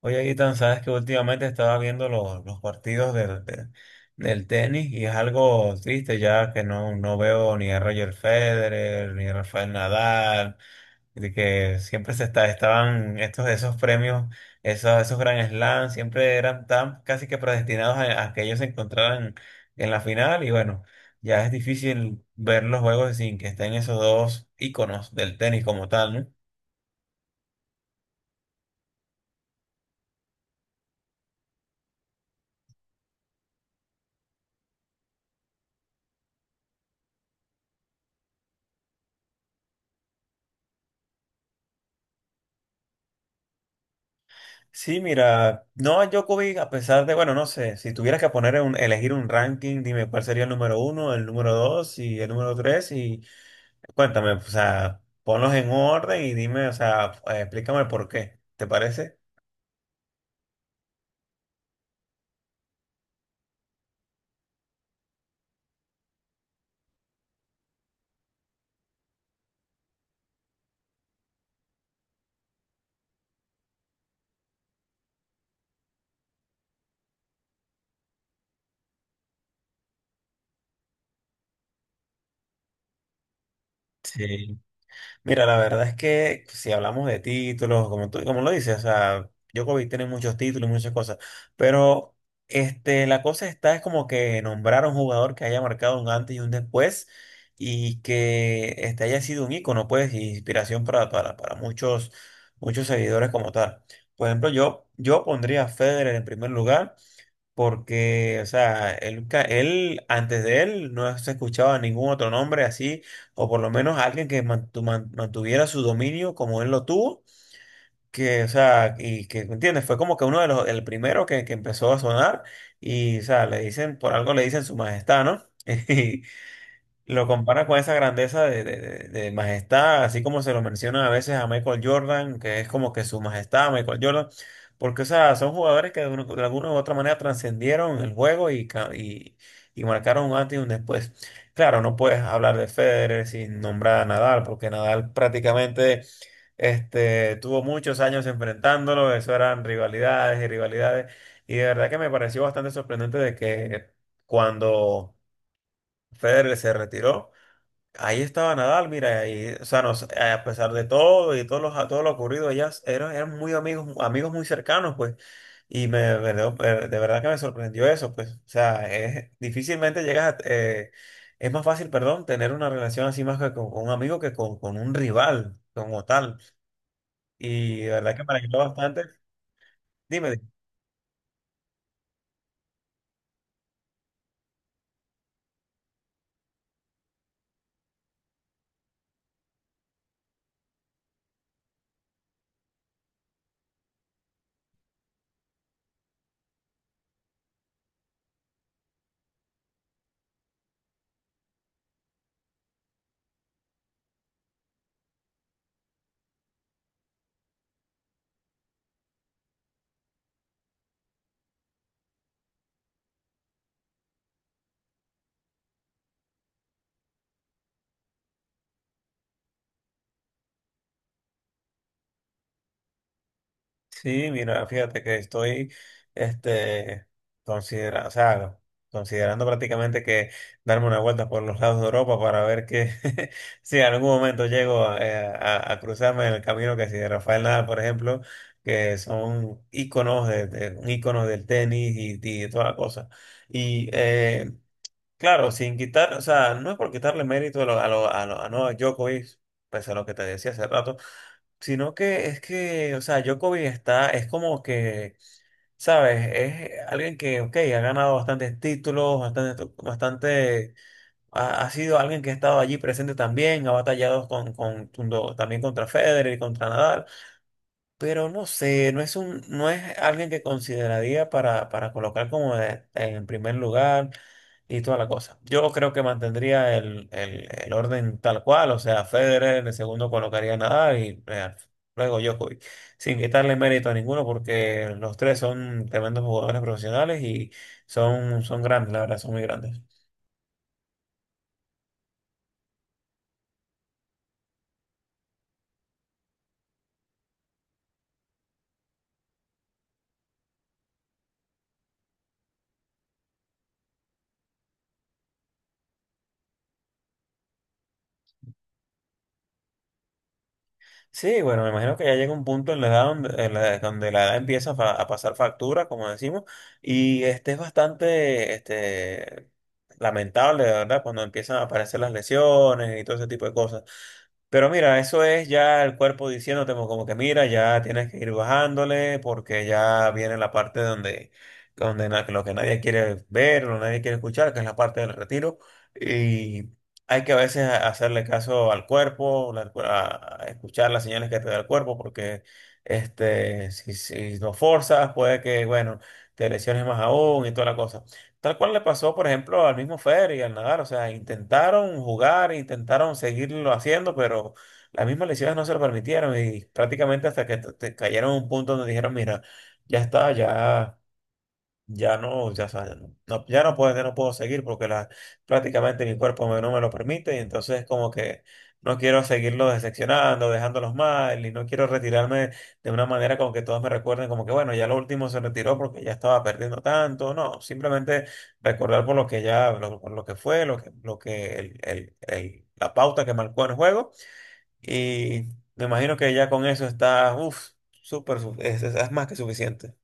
Oye, Ethan, sabes que últimamente estaba viendo los partidos del tenis y es algo triste ya que no veo ni a Roger Federer ni a Rafael Nadal, de que siempre estaban esos premios, esos Grand Slam, siempre eran tan casi que predestinados a que ellos se encontraran en la final y bueno, ya es difícil ver los juegos sin que estén esos dos íconos del tenis como tal, ¿no? Sí, mira, no a Djokovic, a pesar de, bueno, no sé, si tuvieras que poner elegir un ranking, dime cuál sería el número uno, el número dos y el número tres y cuéntame, o sea, ponlos en orden y dime, o sea, explícame por qué, ¿te parece? Sí. Mira, la verdad es que si hablamos de títulos, como tú, como lo dices, o sea, Djokovic tiene muchos títulos y muchas cosas, pero este, la cosa está es como que nombrar a un jugador que haya marcado un antes y un después y que este, haya sido un ícono, pues, y inspiración para muchos, muchos seguidores como tal. Por ejemplo, yo pondría a Federer en primer lugar. Porque, o sea, él, antes de él no se escuchaba ningún otro nombre así, o por lo menos alguien que mantuviera su dominio como él lo tuvo, que, o sea, y que, ¿me ¿entiendes? Fue como que uno de los, el primero que, empezó a sonar, y, o sea, le dicen, por algo le dicen su majestad, ¿no? Lo compara con esa grandeza de majestad, así como se lo mencionan a veces a Michael Jordan, que es como que su majestad, Michael Jordan, porque o sea, son jugadores que de alguna u otra manera trascendieron el juego y marcaron un antes y un después. Claro, no puedes hablar de Federer sin nombrar a Nadal, porque Nadal prácticamente este, tuvo muchos años enfrentándolo, eso eran rivalidades y rivalidades, y de verdad que me pareció bastante sorprendente de que cuando Federer se retiró, ahí estaba Nadal, mira, y, o sea, a pesar de todo y todo lo ocurrido, ellas eran, eran muy amigos, amigos muy cercanos, pues, y me, de verdad que me sorprendió eso, pues, o sea, difícilmente llegas es más fácil, perdón, tener una relación así más que con un amigo que con un rival como tal, y de verdad que me alegró bastante, dime. Sí, mira, fíjate que estoy este, considera, o sea, considerando prácticamente que darme una vuelta por los lados de Europa para ver que si en algún momento llego a cruzarme en el camino que si de Rafael Nadal, por ejemplo, que son íconos, íconos del tenis y de toda la cosa. Y claro, sin quitar, o sea, no es por quitarle mérito a Novak Djokovic, pese a lo que te decía hace rato. Sino que es que, o sea, Djokovic está, es como que, ¿sabes? Es alguien que, ok, ha ganado bastantes títulos, bastante, bastante, ha, ha sido alguien que ha estado allí presente también, ha batallado también contra Federer y contra Nadal. Pero no sé, no es un, no es alguien que consideraría para colocar como en primer lugar y toda la cosa. Yo creo que mantendría el orden tal cual, o sea, Federer, en el segundo colocaría a Nadal y luego Djokovic, sin quitarle mérito a ninguno porque los tres son tremendos jugadores profesionales y son, son grandes, la verdad, son muy grandes. Sí, bueno, me imagino que ya llega un punto en la edad donde, en la, donde la edad empieza a pasar factura, como decimos, y este es bastante este, lamentable, de verdad, cuando empiezan a aparecer las lesiones y todo ese tipo de cosas. Pero mira, eso es ya el cuerpo diciéndote como que mira, ya tienes que ir bajándole porque ya viene la parte donde, donde lo que nadie quiere ver, lo que nadie quiere escuchar, que es la parte del retiro. Y hay que a veces hacerle caso al cuerpo, a escuchar las señales que te da el cuerpo porque este, si lo forzas puede que, bueno, te lesiones más aún y toda la cosa. Tal cual le pasó, por ejemplo, al mismo Fer y al Nadal. O sea, intentaron jugar, intentaron seguirlo haciendo, pero las mismas lesiones no se lo permitieron y prácticamente hasta que te cayeron a un punto donde dijeron, mira, ya está, ya. Ya no, ya, no, ya no puedo, seguir porque la, prácticamente mi cuerpo no me lo permite y entonces como que no quiero seguirlo decepcionando, dejándolos mal y no quiero retirarme de una manera como que todos me recuerden como que bueno, ya lo último se retiró porque ya estaba perdiendo tanto, no, simplemente recordar por lo que ya, por lo que fue, lo que la pauta que marcó en el juego y me imagino que ya con eso está, uff, súper, es más que suficiente.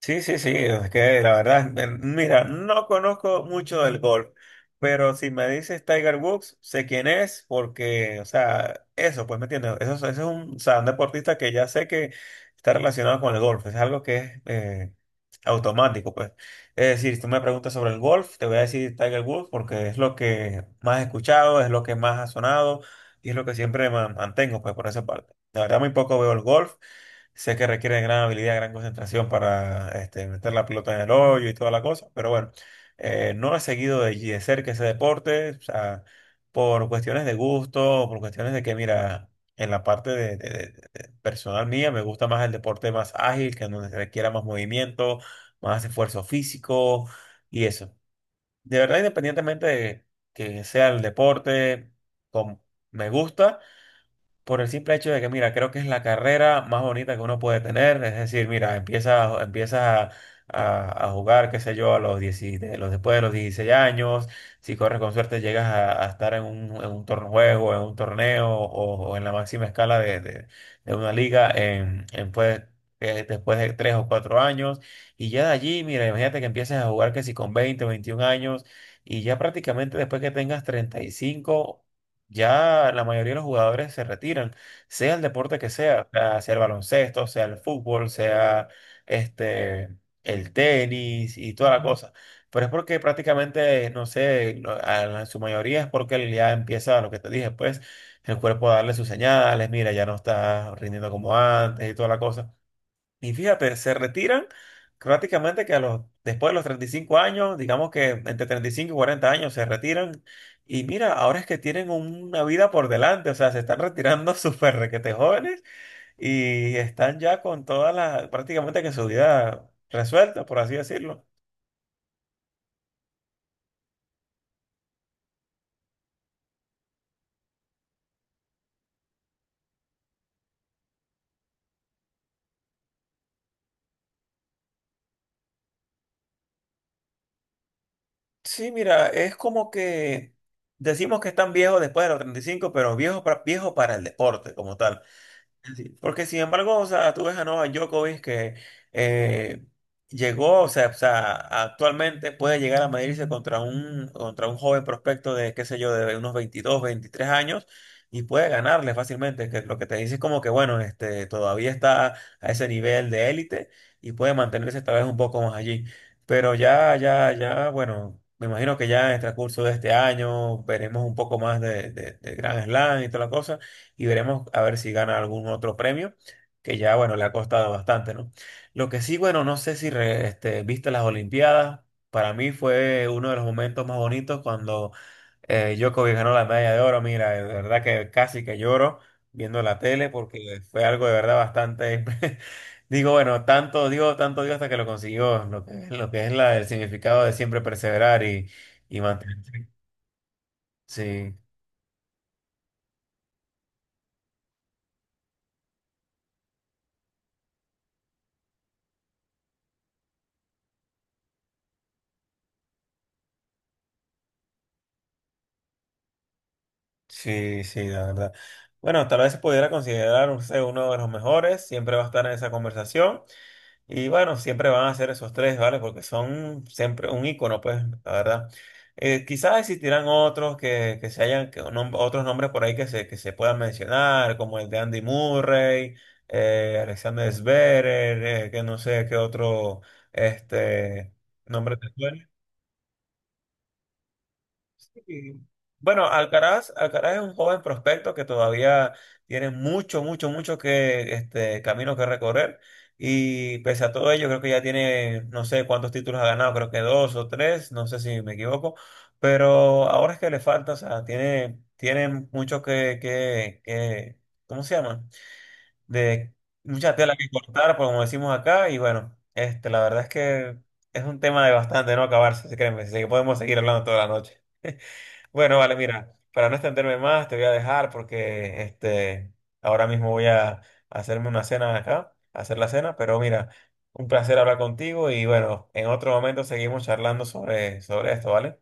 Sí, sí, sí, es que la verdad, mira, no conozco mucho del golf, pero si me dices Tiger Woods, sé quién es, porque, o sea, eso, pues me entiendes, eso, eso es un, o sea, un deportista que ya sé que está relacionado con el golf, es algo que es automático, pues. Es decir, si tú me preguntas sobre el golf, te voy a decir Tiger Woods porque es lo que más he escuchado, es lo que más ha sonado y es lo que siempre mantengo, pues, por esa parte. La verdad, muy poco veo el golf. Sé que requiere de gran habilidad, gran concentración para este, meter la pelota en el hoyo y toda la cosa, pero bueno, no he seguido de cerca ese deporte, o sea, por cuestiones de gusto, por cuestiones de que, mira, en la parte de personal mía me gusta más el deporte más ágil, que donde se requiera más movimiento, más esfuerzo físico y eso. De verdad, independientemente de que sea el deporte, com- me gusta. Por el simple hecho de que, mira, creo que es la carrera más bonita que uno puede tener. Es decir, mira, empiezas a jugar, qué sé yo, a los 10 de los, después de los 16 años. Si corres con suerte, llegas a estar en un torneo, juego, en un torneo o en la máxima escala de una liga en, pues, después de 3 o 4 años. Y ya de allí, mira, imagínate que empieces a jugar que si con 20 o 21 años. Y ya prácticamente después que tengas 35 ya la mayoría de los jugadores se retiran, sea el deporte que sea, o sea, sea el baloncesto, sea el fútbol, sea este, el tenis y toda la cosa. Pero es porque prácticamente, no sé, su mayoría es porque ya empieza lo que te dije, pues el cuerpo a darle sus señales, mira, ya no está rindiendo como antes y toda la cosa. Y fíjate, se retiran prácticamente que después de los 35 años, digamos que entre 35 y 40 años se retiran. Y mira, ahora es que tienen una vida por delante, o sea, se están retirando súper requete jóvenes y están ya con toda la, prácticamente que su vida resuelta, por así decirlo. Sí, mira, es como que decimos que están viejos después de los 35 pero viejos para, viejos para el deporte como tal. Sí. Porque sin embargo, o sea, tú ves a Novak Djokovic que eh, llegó, o sea, actualmente puede llegar a medirse contra un joven prospecto de, qué sé yo, de unos 22, 23 años y puede ganarle fácilmente, que lo que te dice es como que, bueno, este, todavía está a ese nivel de élite y puede mantenerse tal vez un poco más allí. Pero ya, bueno, me imagino que ya en el transcurso de este año veremos un poco más de Grand Slam y toda la cosa y veremos a ver si gana algún otro premio, que ya, bueno, le ha costado bastante, ¿no? Lo que sí, bueno, no sé si este, viste las Olimpiadas. Para mí fue uno de los momentos más bonitos cuando Djokovic ganó la medalla de oro. Mira, de verdad que casi que lloro viendo la tele porque fue algo de verdad bastante. Digo, bueno, tanto digo hasta que lo consiguió, lo que, es la, el significado de siempre perseverar y mantenerse. Sí. Sí, sí, la verdad. Bueno, tal vez se pudiera considerar usted uno de los mejores, siempre va a estar en esa conversación y bueno, siempre van a ser esos tres, ¿vale? Porque son siempre un icono, pues, la verdad. Quizás existirán otros que, se hayan, que otros nombres por ahí que se puedan mencionar, como el de Andy Murray, Alexander Zverev, que no sé qué otro, este, nombre te suena. Y, Bueno, Alcaraz, Alcaraz es un joven prospecto que todavía tiene mucho, mucho, mucho que este camino que recorrer. Y pese a todo ello, creo que ya tiene, no sé cuántos títulos ha ganado, creo que dos o tres, no sé si me equivoco. Pero ahora es que le falta, o sea, tiene mucho que, que, ¿cómo se llama? De mucha tela que cortar, pues, como decimos acá. Y bueno, este, la verdad es que es un tema de bastante no acabarse, créeme, así que podemos seguir hablando toda la noche. Bueno, vale, mira, para no extenderme más, te voy a dejar porque este, ahora mismo voy a hacerme una cena acá, a hacer la cena, pero mira, un placer hablar contigo y bueno, en otro momento seguimos charlando sobre esto, ¿vale?